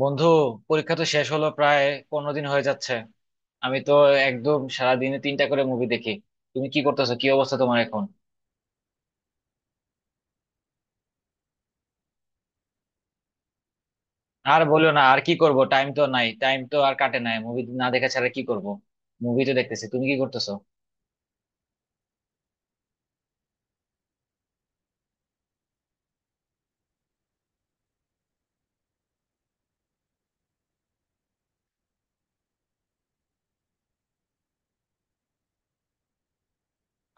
বন্ধু, পরীক্ষা তো শেষ হলো প্রায়। 15 দিন হয়ে যাচ্ছে। আমি তো একদম সারাদিনে তিনটা করে মুভি দেখি। তুমি কি করতেছো, কি অবস্থা তোমার এখন? আর বলো না, আর কি করব? টাইম তো নাই, টাইম তো আর কাটে নাই, মুভি না দেখা ছাড়া কি করব? মুভি তো দেখতেছি, তুমি কি করতেছো?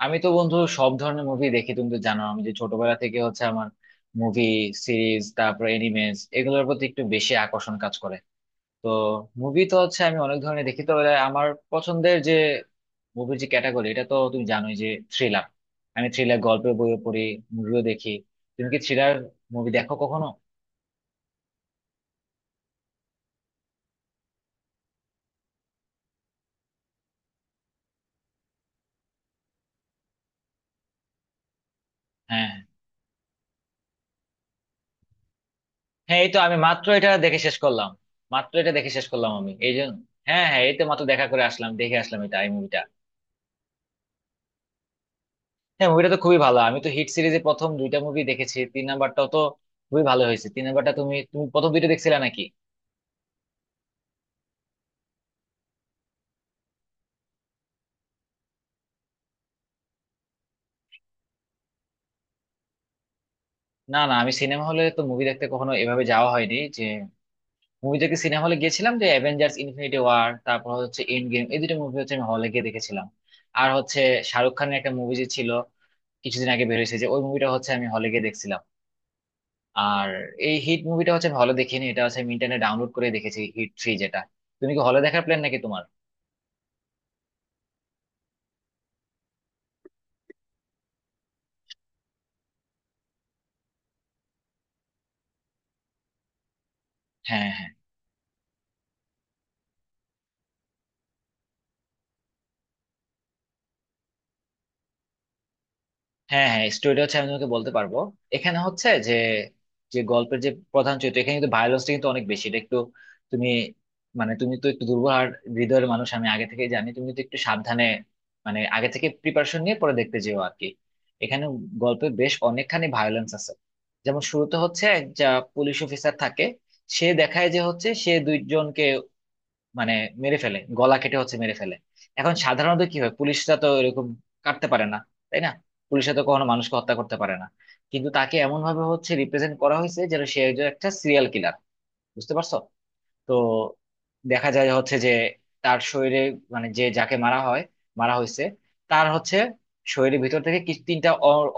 আমি তো বন্ধু সব ধরনের মুভি দেখি, তুমি তো জানো আমি যে ছোটবেলা থেকে হচ্ছে আমার মুভি, সিরিজ, তারপর এনিমেস এগুলোর প্রতি একটু বেশি আকর্ষণ কাজ করে। তো মুভি তো হচ্ছে আমি অনেক ধরনের দেখি, তো এবার আমার পছন্দের যে মুভির যে ক্যাটাগরি এটা তো তুমি জানোই যে থ্রিলার। আমি থ্রিলার গল্পের বইও পড়ি, মুভিও দেখি। তুমি কি থ্রিলার মুভি দেখো কখনো? হ্যাঁ, হ্যাঁ, হ্যাঁ, এই তো আমি মাত্র এটা দেখে শেষ করলাম। মাত্র এটা দেখে শেষ করলাম আমি, এই জন্য। হ্যাঁ, হ্যাঁ, এই তো মাত্র দেখা করে আসলাম, দেখে আসলাম এটা, এই মুভিটা। হ্যাঁ, মুভিটা তো খুবই ভালো। আমি তো হিট সিরিজে প্রথম দুইটা মুভি দেখেছি, তিন নাম্বারটাও তো খুবই ভালো হয়েছে। তিন নাম্বারটা তুমি তুমি প্রথম দুইটা দেখছিলে নাকি? না, না, আমি সিনেমা হলে তো মুভি দেখতে কখনো এভাবে যাওয়া হয়নি। মুভি দেখে সিনেমা হলে গিয়েছিলাম যে অ্যাভেঞ্জার্স ইনফিনিটি ওয়ার, তারপর হচ্ছে এন্ড গেম, এই দুটো মুভি হচ্ছে আমি হলে গিয়ে দেখেছিলাম। আর হচ্ছে শাহরুখ খানের একটা মুভি যে ছিল, কিছুদিন আগে বের হয়েছে, যে ওই মুভিটা হচ্ছে আমি হলে গিয়ে দেখছিলাম। আর এই হিট মুভিটা হচ্ছে আমি হলে দেখিনি, এটা হচ্ছে আমি ইন্টারনেট ডাউনলোড করে দেখেছি, হিট থ্রি যেটা। তুমি কি হলে দেখার প্ল্যান নাকি তোমার? হ্যাঁ, হ্যাঁ, হ্যাঁ, হ্যাঁ, স্টোরিটা হচ্ছে আমি তোমাকে বলতে পারবো। এখানে হচ্ছে যে, যে গল্পের যে প্রধান চরিত্র, এখানে কিন্তু ভায়োলেন্সটা কিন্তু অনেক বেশি, এটা একটু তুমি, মানে তুমি তো একটু দুর্বল আর হৃদয়ের মানুষ আমি আগে থেকে জানি, তুমি তো একটু সাবধানে, মানে আগে থেকে প্রিপারেশন নিয়ে পরে দেখতে যেও আর কি। এখানে গল্পে বেশ অনেকখানি ভায়োলেন্স আছে। যেমন শুরুতে হচ্ছে এক যা পুলিশ অফিসার থাকে, সে দেখায় যে হচ্ছে সে দুইজনকে, মানে মেরে ফেলে, গলা কেটে হচ্ছে মেরে ফেলে। এখন সাধারণত কি হয়, পুলিশরা তো এরকম কাটতে পারে না, তাই না? পুলিশরা তো কখনো মানুষকে হত্যা করতে পারে না। কিন্তু তাকে এমন ভাবে হচ্ছে রিপ্রেজেন্ট করা হয়েছে যেন সে একজন, একটা সিরিয়াল কিলার। বুঝতে পারছো? তো দেখা যায় হচ্ছে যে তার শরীরে, মানে যে যাকে মারা হয়, মারা হয়েছে, তার হচ্ছে শরীরের ভিতর থেকে কিছু তিনটা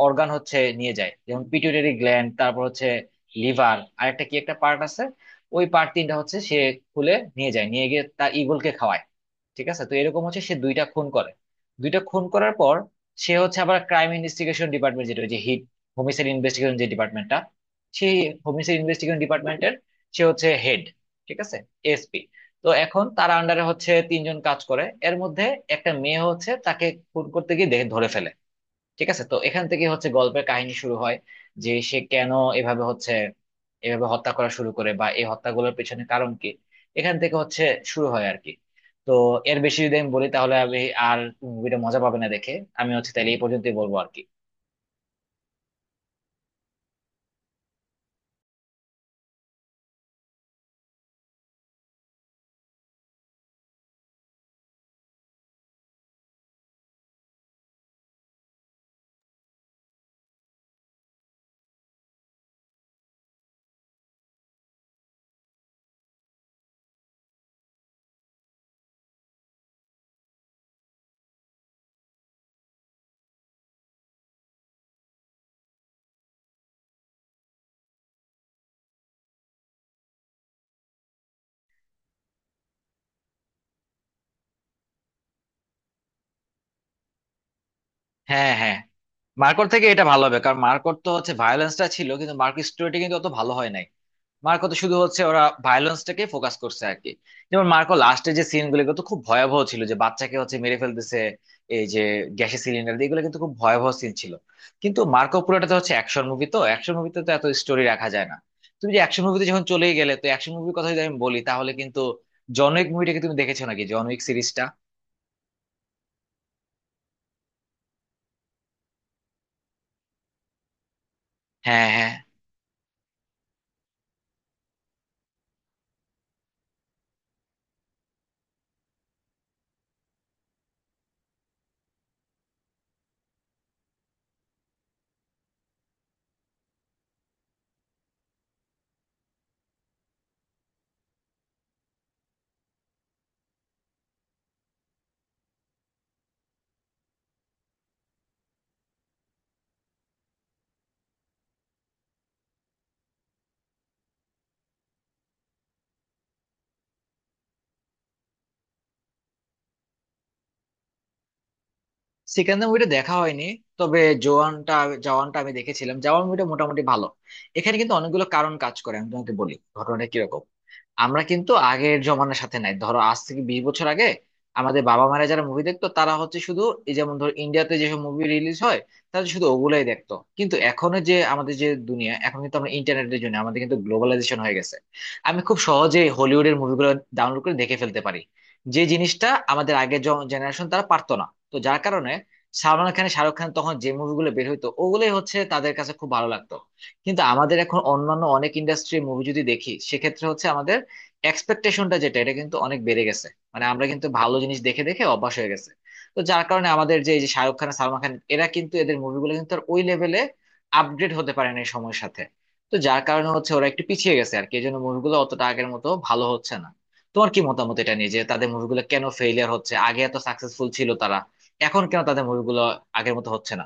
অর্গান হচ্ছে নিয়ে যায়, যেমন পিটুইটারি গ্ল্যান্ড, তারপর হচ্ছে লিভার, আর একটা কি একটা পার্ট আছে, ওই পার্ট তিনটা হচ্ছে সে খুলে নিয়ে যায়, নিয়ে গিয়ে তার ইগলকে খাওয়ায়। ঠিক আছে, তো এরকম হচ্ছে সে দুইটা খুন করে। দুইটা খুন করার পর সে হচ্ছে আবার ক্রাইম ইনভেস্টিগেশন ডিপার্টমেন্ট, যেটা ওই যে হিট হোমিসাইড ইনভেস্টিগেশন যে ডিপার্টমেন্টটা, সেই হোমিসাইড ইনভেস্টিগেশন ডিপার্টমেন্টের সে হচ্ছে হেড, ঠিক আছে, এএসপি। তো এখন তার আন্ডারে হচ্ছে তিনজন কাজ করে, এর মধ্যে একটা মেয়ে হচ্ছে তাকে খুন করতে গিয়ে দেখে, ধরে ফেলে। ঠিক আছে, তো এখান থেকে হচ্ছে গল্পের কাহিনী শুরু হয়, যে সে কেন এভাবে হচ্ছে, এভাবে হত্যা করা শুরু করে বা এই হত্যাগুলোর পেছনে কারণ কি, এখান থেকে হচ্ছে শুরু হয় আর কি। তো এর বেশি যদি আমি বলি তাহলে আমি, আর মুভিটা মজা পাবে না দেখে। আমি হচ্ছে তাহলে এই পর্যন্তই বলবো আর কি। হ্যাঁ, হ্যাঁ, মার্কর থেকে এটা ভালো হবে, কারণ মার্কর তো হচ্ছে ভায়োলেন্সটা ছিল কিন্তু মার্কর স্টোরিটি কিন্তু অত ভালো হয় নাই। মার্কো তো শুধু হচ্ছে ওরা ভায়োলেন্সটাকে ফোকাস করছে আর কি। যেমন মার্কো লাস্টে যে সিন গুলো তো খুব ভয়াবহ ছিল, যে বাচ্চাকে হচ্ছে মেরে ফেলতেছে এই যে গ্যাসের সিলিন্ডার দিয়ে, এগুলো কিন্তু খুব ভয়াবহ সিন ছিল। কিন্তু মার্কো পুরোটাতে হচ্ছে অ্যাকশন মুভি, তো অ্যাকশন মুভিতে তো এত স্টোরি রাখা যায় না। তুমি যে অ্যাকশন মুভিতে যখন চলেই গেলে, তো অ্যাকশন মুভির কথা যদি আমি বলি তাহলে কিন্তু জন উইক মুভিটাকে তুমি দেখেছো নাকি, জন উইক সিরিজটা? হ্যাঁ, হ্যাঁ, সেকেন্ড মুভিটা দেখা হয়নি, তবে জওয়ানটা, জওয়ানটা আমি দেখেছিলাম, জওয়ান মুভিটা মোটামুটি ভালো। এখানে কিন্তু অনেকগুলো কারণ কাজ করে, আমি তোমাকে বলি ঘটনাটা কিরকম। আমরা কিন্তু আগের জমানার সাথে নাই, ধরো আজ থেকে 20 বছর আগে আমাদের বাবা মারা, যারা মুভি দেখতো, তারা হচ্ছে শুধু এই যেমন ধরো ইন্ডিয়াতে যেসব মুভি রিলিজ হয়, তারা শুধু ওগুলাই দেখতো। কিন্তু এখন যে আমাদের যে দুনিয়া, এখন কিন্তু আমরা ইন্টারনেটের জন্য আমাদের কিন্তু গ্লোবালাইজেশন হয়ে গেছে। আমি খুব সহজে হলিউডের মুভিগুলো ডাউনলোড করে দেখে ফেলতে পারি, যে জিনিসটা আমাদের আগের জেনারেশন তারা পারতো না। তো যার কারণে সালমান খান, শাহরুখ খান তখন যে মুভিগুলো বের হইতো, ওগুলোই হচ্ছে তাদের কাছে খুব ভালো লাগতো। কিন্তু আমাদের এখন অন্যান্য অনেক ইন্ডাস্ট্রির মুভি যদি দেখি, সেক্ষেত্রে হচ্ছে আমাদের এক্সপেকটেশনটা যেটা, এটা কিন্তু অনেক বেড়ে গেছে। মানে আমরা কিন্তু ভালো জিনিস দেখে দেখে অভ্যাস হয়ে গেছে। তো যার কারণে আমাদের যে এই যে শাহরুখ খান আর সালমান খান, এরা কিন্তু এদের মুভিগুলো কিন্তু আর ওই লেভেলে আপডেট হতে পারে না এই সময়ের সাথে। তো যার কারণে হচ্ছে ওরা একটু পিছিয়ে গেছে আর কি, এই জন্য মুভিগুলো অতটা আগের মতো ভালো হচ্ছে না। তোমার কি মতামত এটা নিয়ে, যে তাদের মুভিগুলো কেন ফেইলিয়ার হচ্ছে, আগে এত সাকসেসফুল ছিল তারা, এখন কেন তাদের মুভিগুলো আগের মতো হচ্ছে না?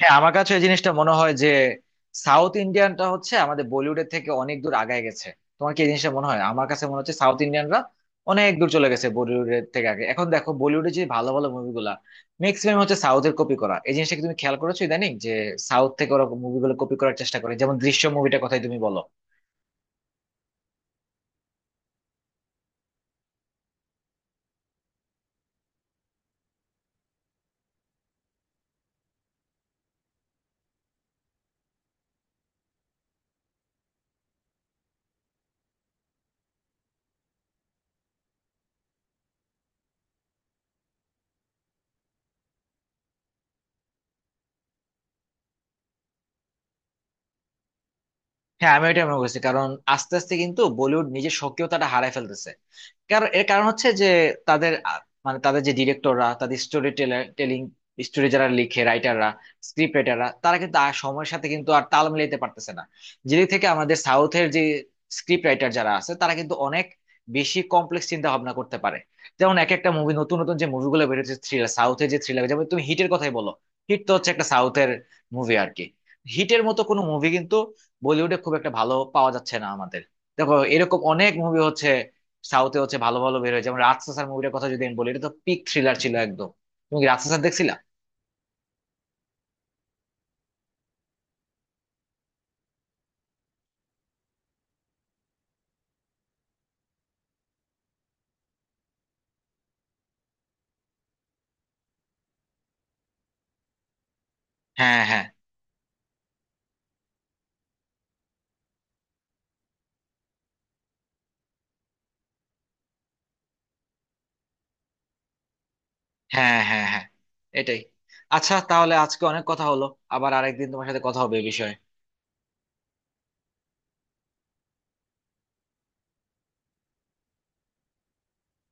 হ্যাঁ, আমার কাছে এই জিনিসটা মনে হয় যে সাউথ ইন্ডিয়ানটা হচ্ছে আমাদের বলিউডের থেকে অনেক দূর আগায় গেছে। তোমার কি এই জিনিসটা মনে হয়? আমার কাছে মনে হচ্ছে সাউথ ইন্ডিয়ানরা অনেক দূর চলে গেছে বলিউডের থেকে। আগে এখন দেখো বলিউডে যে ভালো ভালো মুভিগুলা ম্যাক্সিমাম হচ্ছে সাউথের কপি করা। এই জিনিসটা কি তুমি খেয়াল করেছো ইদানিং, যে সাউথ থেকে ওরা মুভিগুলো কপি করার চেষ্টা করে, যেমন দৃশ্য মুভিটার কথাই তুমি বলো। হ্যাঁ, আমি ওইটাই মনে করছি, কারণ আস্তে আস্তে কিন্তু বলিউড নিজের সক্রিয়তাটা হারায় ফেলতেছে। কারণ এর কারণ হচ্ছে যে তাদের মানে তাদের যে ডিরেক্টররা, তাদের স্টোরি টেলিং, স্টোরি যারা লিখে রাইটাররা, স্ক্রিপ্ট রাইটাররা, তারা কিন্তু আর সময়ের সাথে কিন্তু আর তাল মিলাইতে পারতেছে না। যেদিক থেকে আমাদের সাউথের যে স্ক্রিপ্ট রাইটার যারা আছে, তারা কিন্তু অনেক বেশি কমপ্লেক্স চিন্তা ভাবনা করতে পারে। যেমন এক একটা মুভি, নতুন নতুন যে মুভিগুলো বেরোচ্ছে থ্রিলার, সাউথের যে থ্রিলার, যেমন তুমি হিটের কথাই বলো, হিট তো হচ্ছে একটা সাউথের মুভি আর কি। হিটের মতো কোনো মুভি কিন্তু বলিউডে খুব একটা ভালো পাওয়া যাচ্ছে না আমাদের। দেখো এরকম অনেক মুভি হচ্ছে সাউথে হচ্ছে ভালো ভালো বের হয়, যেমন রাজসাসার মুভিটার কথা যদি আমি বলি, এটা তো পিক থ্রিলার ছিল একদম। তুমি কি রাজসাসার দেখছিলা? হ্যাঁ, হ্যাঁ, হ্যাঁ, হ্যাঁ, হ্যাঁ, এটাই। আচ্ছা তাহলে আজকে অনেক কথা হলো, আবার আরেকদিন তোমার সাথে কথা হবে এই বিষয়ে।